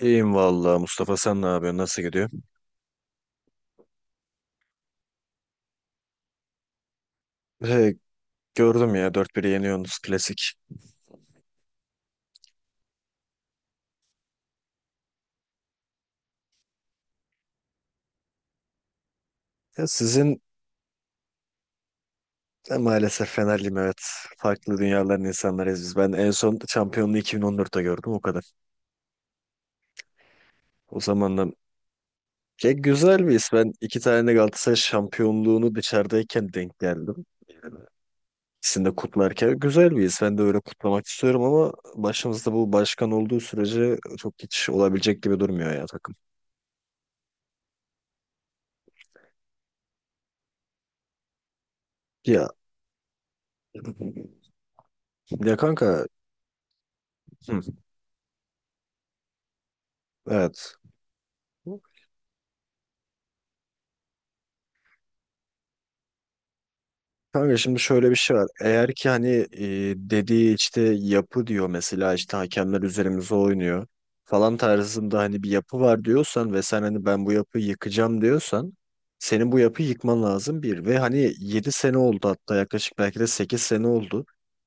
İyiyim vallahi Mustafa, sen ne yapıyorsun, nasıl gidiyor? He, gördüm ya, dört 1'e yeniyorsunuz, klasik. Ya sizin de maalesef Fenerliyim, evet. Farklı dünyaların insanlarıyız biz. Ben en son şampiyonluğu 2014'te gördüm, o kadar. O zamandan ya, güzel bir his. Ben iki tane Galatasaray şampiyonluğunu dışarıdayken denk geldim. İkisini de kutlarken güzel bir his. Ben de öyle kutlamak istiyorum ama başımızda bu başkan olduğu sürece çok hiç olabilecek gibi durmuyor ya takım. Ya, ya, kanka, hı, evet. Kanka, şimdi şöyle bir şey var. Eğer ki hani dediği işte yapı diyor, mesela işte hakemler üzerimize oynuyor falan tarzında hani bir yapı var diyorsan ve sen hani ben bu yapıyı yıkacağım diyorsan, senin bu yapıyı yıkman lazım bir, ve hani 7 sene oldu, hatta yaklaşık belki de 8 sene oldu.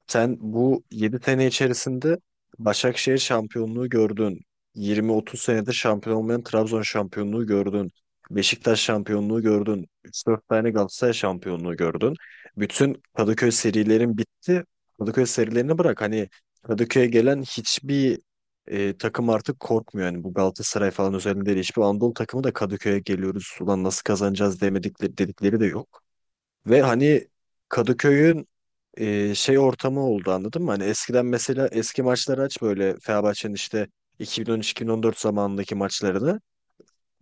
Sen bu 7 sene içerisinde Başakşehir şampiyonluğu gördün, 20-30 senedir şampiyon olmayan Trabzon şampiyonluğu gördün, Beşiktaş şampiyonluğu gördün, üç dört tane Galatasaray şampiyonluğu gördün. Bütün Kadıköy serilerin bitti. Kadıköy serilerini bırak. Hani Kadıköy'e gelen hiçbir takım artık korkmuyor. Yani bu Galatasaray falan özelinde değil. Hiçbir Anadolu takımı da Kadıköy'e geliyoruz, ulan nasıl kazanacağız demedikleri, dedikleri de yok. Ve hani Kadıköy'ün şey ortamı oldu, anladın mı? Hani eskiden mesela eski maçları aç, böyle Fenerbahçe'nin işte 2013-2014 zamanındaki maçlarını,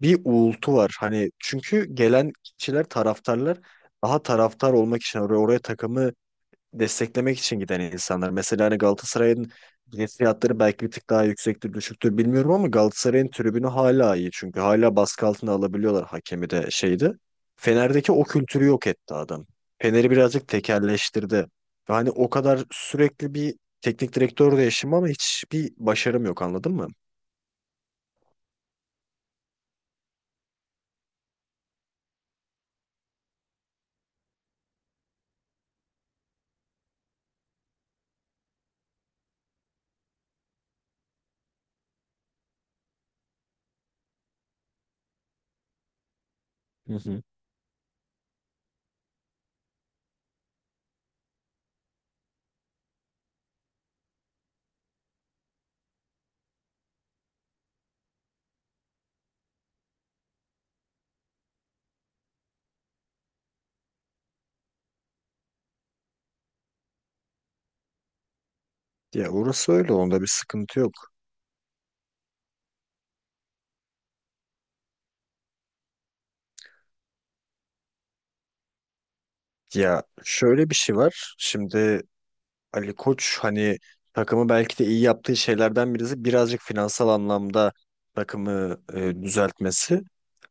bir uğultu var. Hani çünkü gelen kişiler, taraftarlar, daha taraftar olmak için oraya, takımı desteklemek için giden insanlar. Mesela hani Galatasaray'ın bilet fiyatları belki bir tık daha yüksektir, düşüktür, bilmiyorum, ama Galatasaray'ın tribünü hala iyi. Çünkü hala baskı altına alabiliyorlar hakemi de, şeydi. Fener'deki o kültürü yok etti adam. Fener'i birazcık tekelleştirdi. Ve hani o kadar sürekli bir teknik direktör değişimi ama hiçbir başarım yok, anladın mı? Hı hı. Ya orası öyle, onda bir sıkıntı yok. Ya şöyle bir şey var. Şimdi Ali Koç hani takımı belki de iyi yaptığı şeylerden birisi birazcık finansal anlamda takımı düzeltmesi.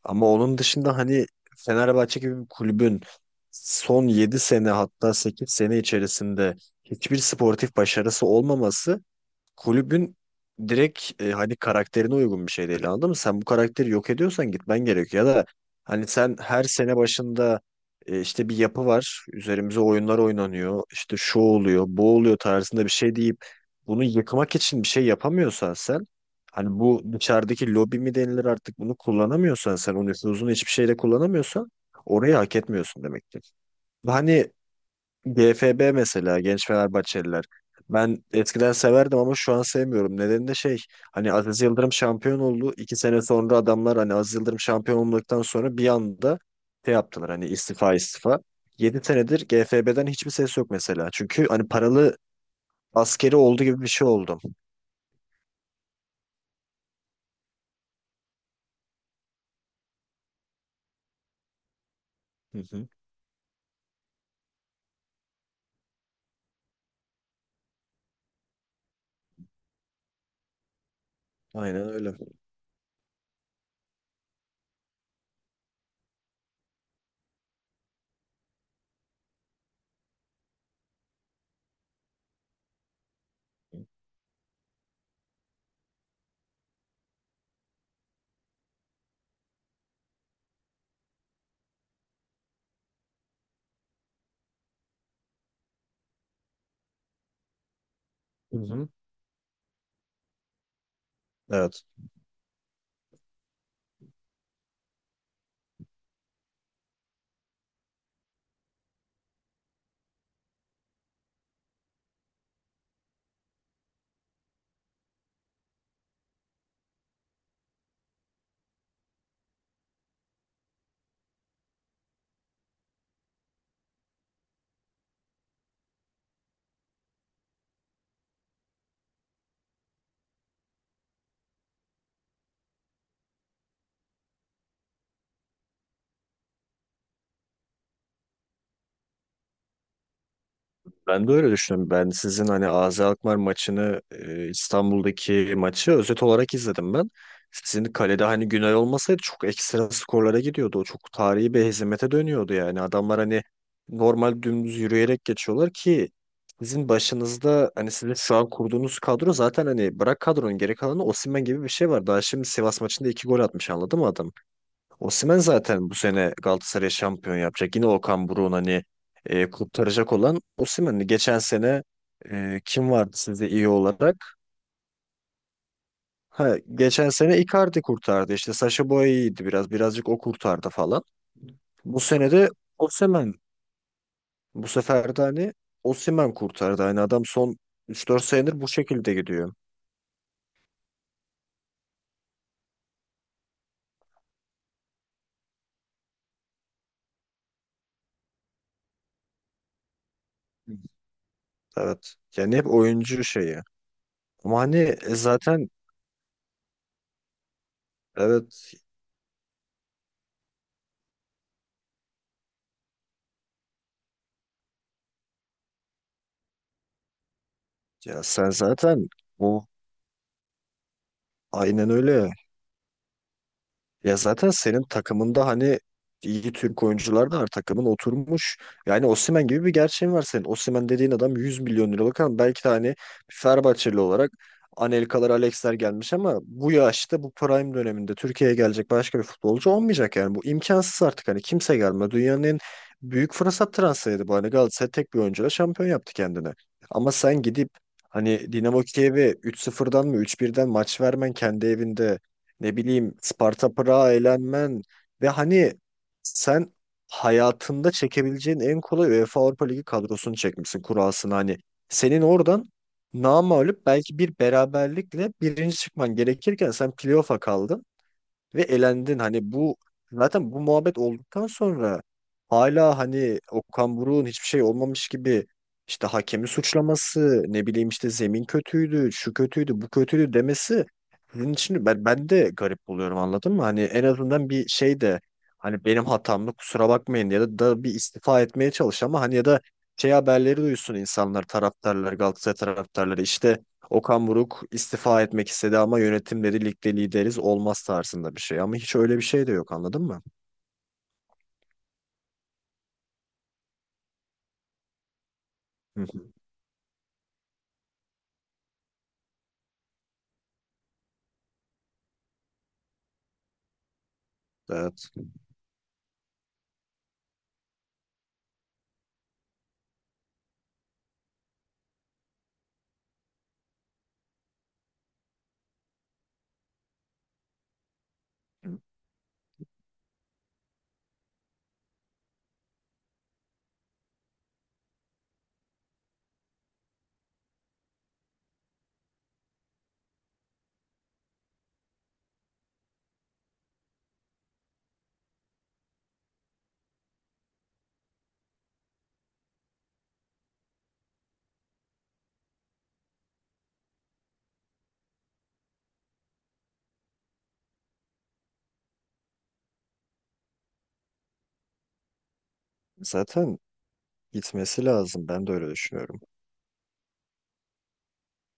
Ama onun dışında hani Fenerbahçe gibi bir kulübün son 7 sene, hatta 8 sene içerisinde hiçbir sportif başarısı olmaması, kulübün direkt hani karakterine uygun bir şey değil, anladın mı? Sen bu karakteri yok ediyorsan gitmen gerekiyor, ya da hani sen her sene başında işte bir yapı var, üzerimize oyunlar oynanıyor, işte şu oluyor bu oluyor tarzında bir şey deyip, bunu yıkmak için bir şey yapamıyorsan sen, hani bu dışarıdaki lobi mi denilir artık bunu kullanamıyorsan, sen o nüfuzunu hiçbir şeyle kullanamıyorsan, orayı hak etmiyorsun demektir. Hani GFB mesela, Genç Fenerbahçeliler. Ben eskiden severdim ama şu an sevmiyorum. Nedeni de şey, hani Aziz Yıldırım şampiyon oldu. İki sene sonra adamlar hani Aziz Yıldırım şampiyon olduktan sonra bir anda şey yaptılar, hani istifa istifa. 7 senedir GFB'den hiçbir ses yok mesela. Çünkü hani paralı askeri oldu gibi bir şey oldu. Hı hı. Aynen öyle. Hı hı. Evet. Ben de öyle düşünüyorum. Ben sizin hani AZ Alkmaar maçını, İstanbul'daki maçı özet olarak izledim ben. Sizin kalede hani Günay olmasaydı çok ekstra skorlara gidiyordu. O çok tarihi bir hezimete dönüyordu yani. Adamlar hani normal dümdüz yürüyerek geçiyorlar ki sizin başınızda hani sizin şu an kurduğunuz kadro, zaten hani bırak kadronun geri kalanı, Osimhen gibi bir şey var. Daha şimdi Sivas maçında 2 gol atmış, anladın mı adam? Osimhen zaten bu sene Galatasaray şampiyon yapacak. Yine Okan Buruk'un hani kurtaracak olan Osimhen'di. Geçen sene kim vardı sizde iyi olarak? Ha, geçen sene Icardi kurtardı. İşte Sacha Boey iyiydi biraz. Birazcık o kurtardı falan. Bu sene de Osimhen. Bu sefer de hani Osimhen kurtardı. Hani adam son üç dört senedir bu şekilde gidiyor. Evet. Yani hep oyuncu şeyi. Ama hani zaten, evet, ya sen zaten bu aynen öyle. Ya zaten senin takımında hani iyi Türk oyuncular da var. Takımın oturmuş. Yani Osimhen gibi bir gerçeğin var senin. Osimhen dediğin adam 100 milyon liralık, ama belki de hani Fenerbahçeli olarak Anelkalar, Alexler gelmiş ama bu yaşta, bu prime döneminde Türkiye'ye gelecek başka bir futbolcu olmayacak yani. Bu imkansız artık, hani kimse gelme. Dünyanın en büyük fırsat transferiydi bu. Hani Galatasaray tek bir oyuncuyla şampiyon yaptı kendini. Ama sen gidip hani Dinamo Kiev'e 3-0'dan mı 3-1'den maç vermen kendi evinde, ne bileyim Sparta Prag'a eğlenmen, ve hani sen hayatında çekebileceğin en kolay UEFA Avrupa Ligi kadrosunu çekmişsin kurasını, hani senin oradan namağlup belki bir beraberlikle birinci çıkman gerekirken sen playoff'a kaldın ve elendin. Hani bu, zaten bu muhabbet olduktan sonra hala hani Okan Buruk'un hiçbir şey olmamış gibi işte hakemi suçlaması, ne bileyim işte zemin kötüydü, şu kötüydü, bu kötüydü demesi, sizin için ben de garip buluyorum, anladın mı? Hani en azından bir şey de hani benim hatamdı kusura bakmayın, ya da bir istifa etmeye çalış, ama hani ya da şey, haberleri duysun insanlar, taraftarlar, Galatasaray taraftarları, işte Okan Buruk istifa etmek istedi ama yönetim dedi ligde lideriz olmaz tarzında bir şey. Ama hiç öyle bir şey de yok, anladın mı? Hı hı. Evet. Zaten gitmesi lazım. Ben de öyle düşünüyorum.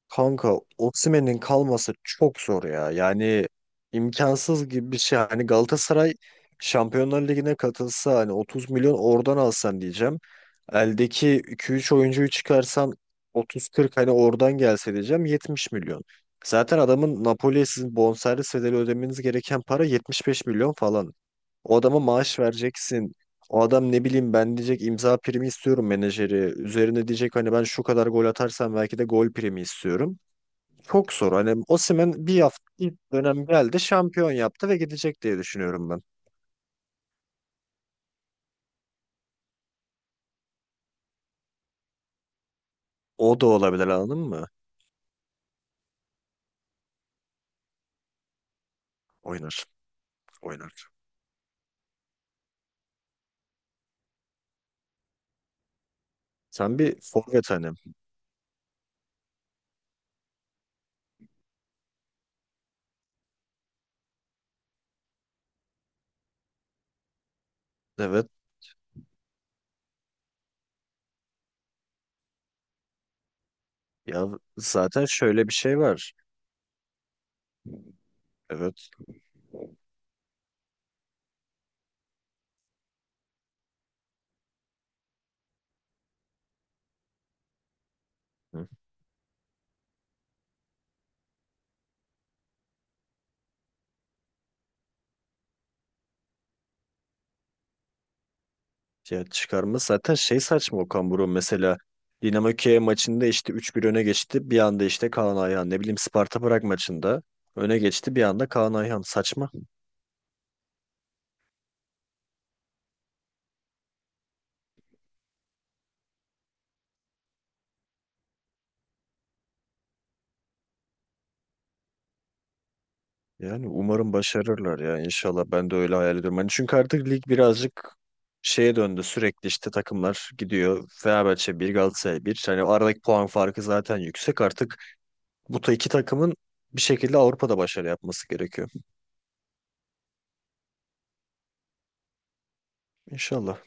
Kanka, Osimhen'in kalması çok zor ya. Yani imkansız gibi bir şey. Hani Galatasaray Şampiyonlar Ligi'ne katılsa hani 30 milyon oradan alsan diyeceğim. Eldeki 2-3 oyuncuyu çıkarsan 30-40 hani oradan gelse diyeceğim, 70 milyon. Zaten adamın Napoli'ye sizin bonservis bedeli ödemeniz gereken para 75 milyon falan. O adama maaş vereceksin. O adam, ne bileyim ben, diyecek imza primi istiyorum menajeri. Üzerine diyecek hani ben şu kadar gol atarsam belki de gol primi istiyorum. Çok zor. Hani Osimhen bir hafta ilk dönem geldi, şampiyon yaptı ve gidecek diye düşünüyorum ben. O da olabilir, anladın mı? Oynar, oynar. Sen bir forvet hani. Evet. Ya zaten şöyle bir şey var. Evet. Hı. Ya çıkarma zaten şey, saçma Okan Buruk mesela. Dinamo Kiev maçında işte 3-1 öne geçti. Bir anda işte Kaan Ayhan, ne bileyim Sparta Prag maçında öne geçti. Bir anda Kaan Ayhan saçma. Yani umarım başarırlar ya, inşallah ben de öyle hayal ediyorum. Hani çünkü artık lig birazcık şeye döndü, sürekli işte takımlar gidiyor. Fenerbahçe bir, Galatasaray bir. Hani o aradaki puan farkı zaten yüksek artık. Bu ta iki takımın bir şekilde Avrupa'da başarı yapması gerekiyor. İnşallah.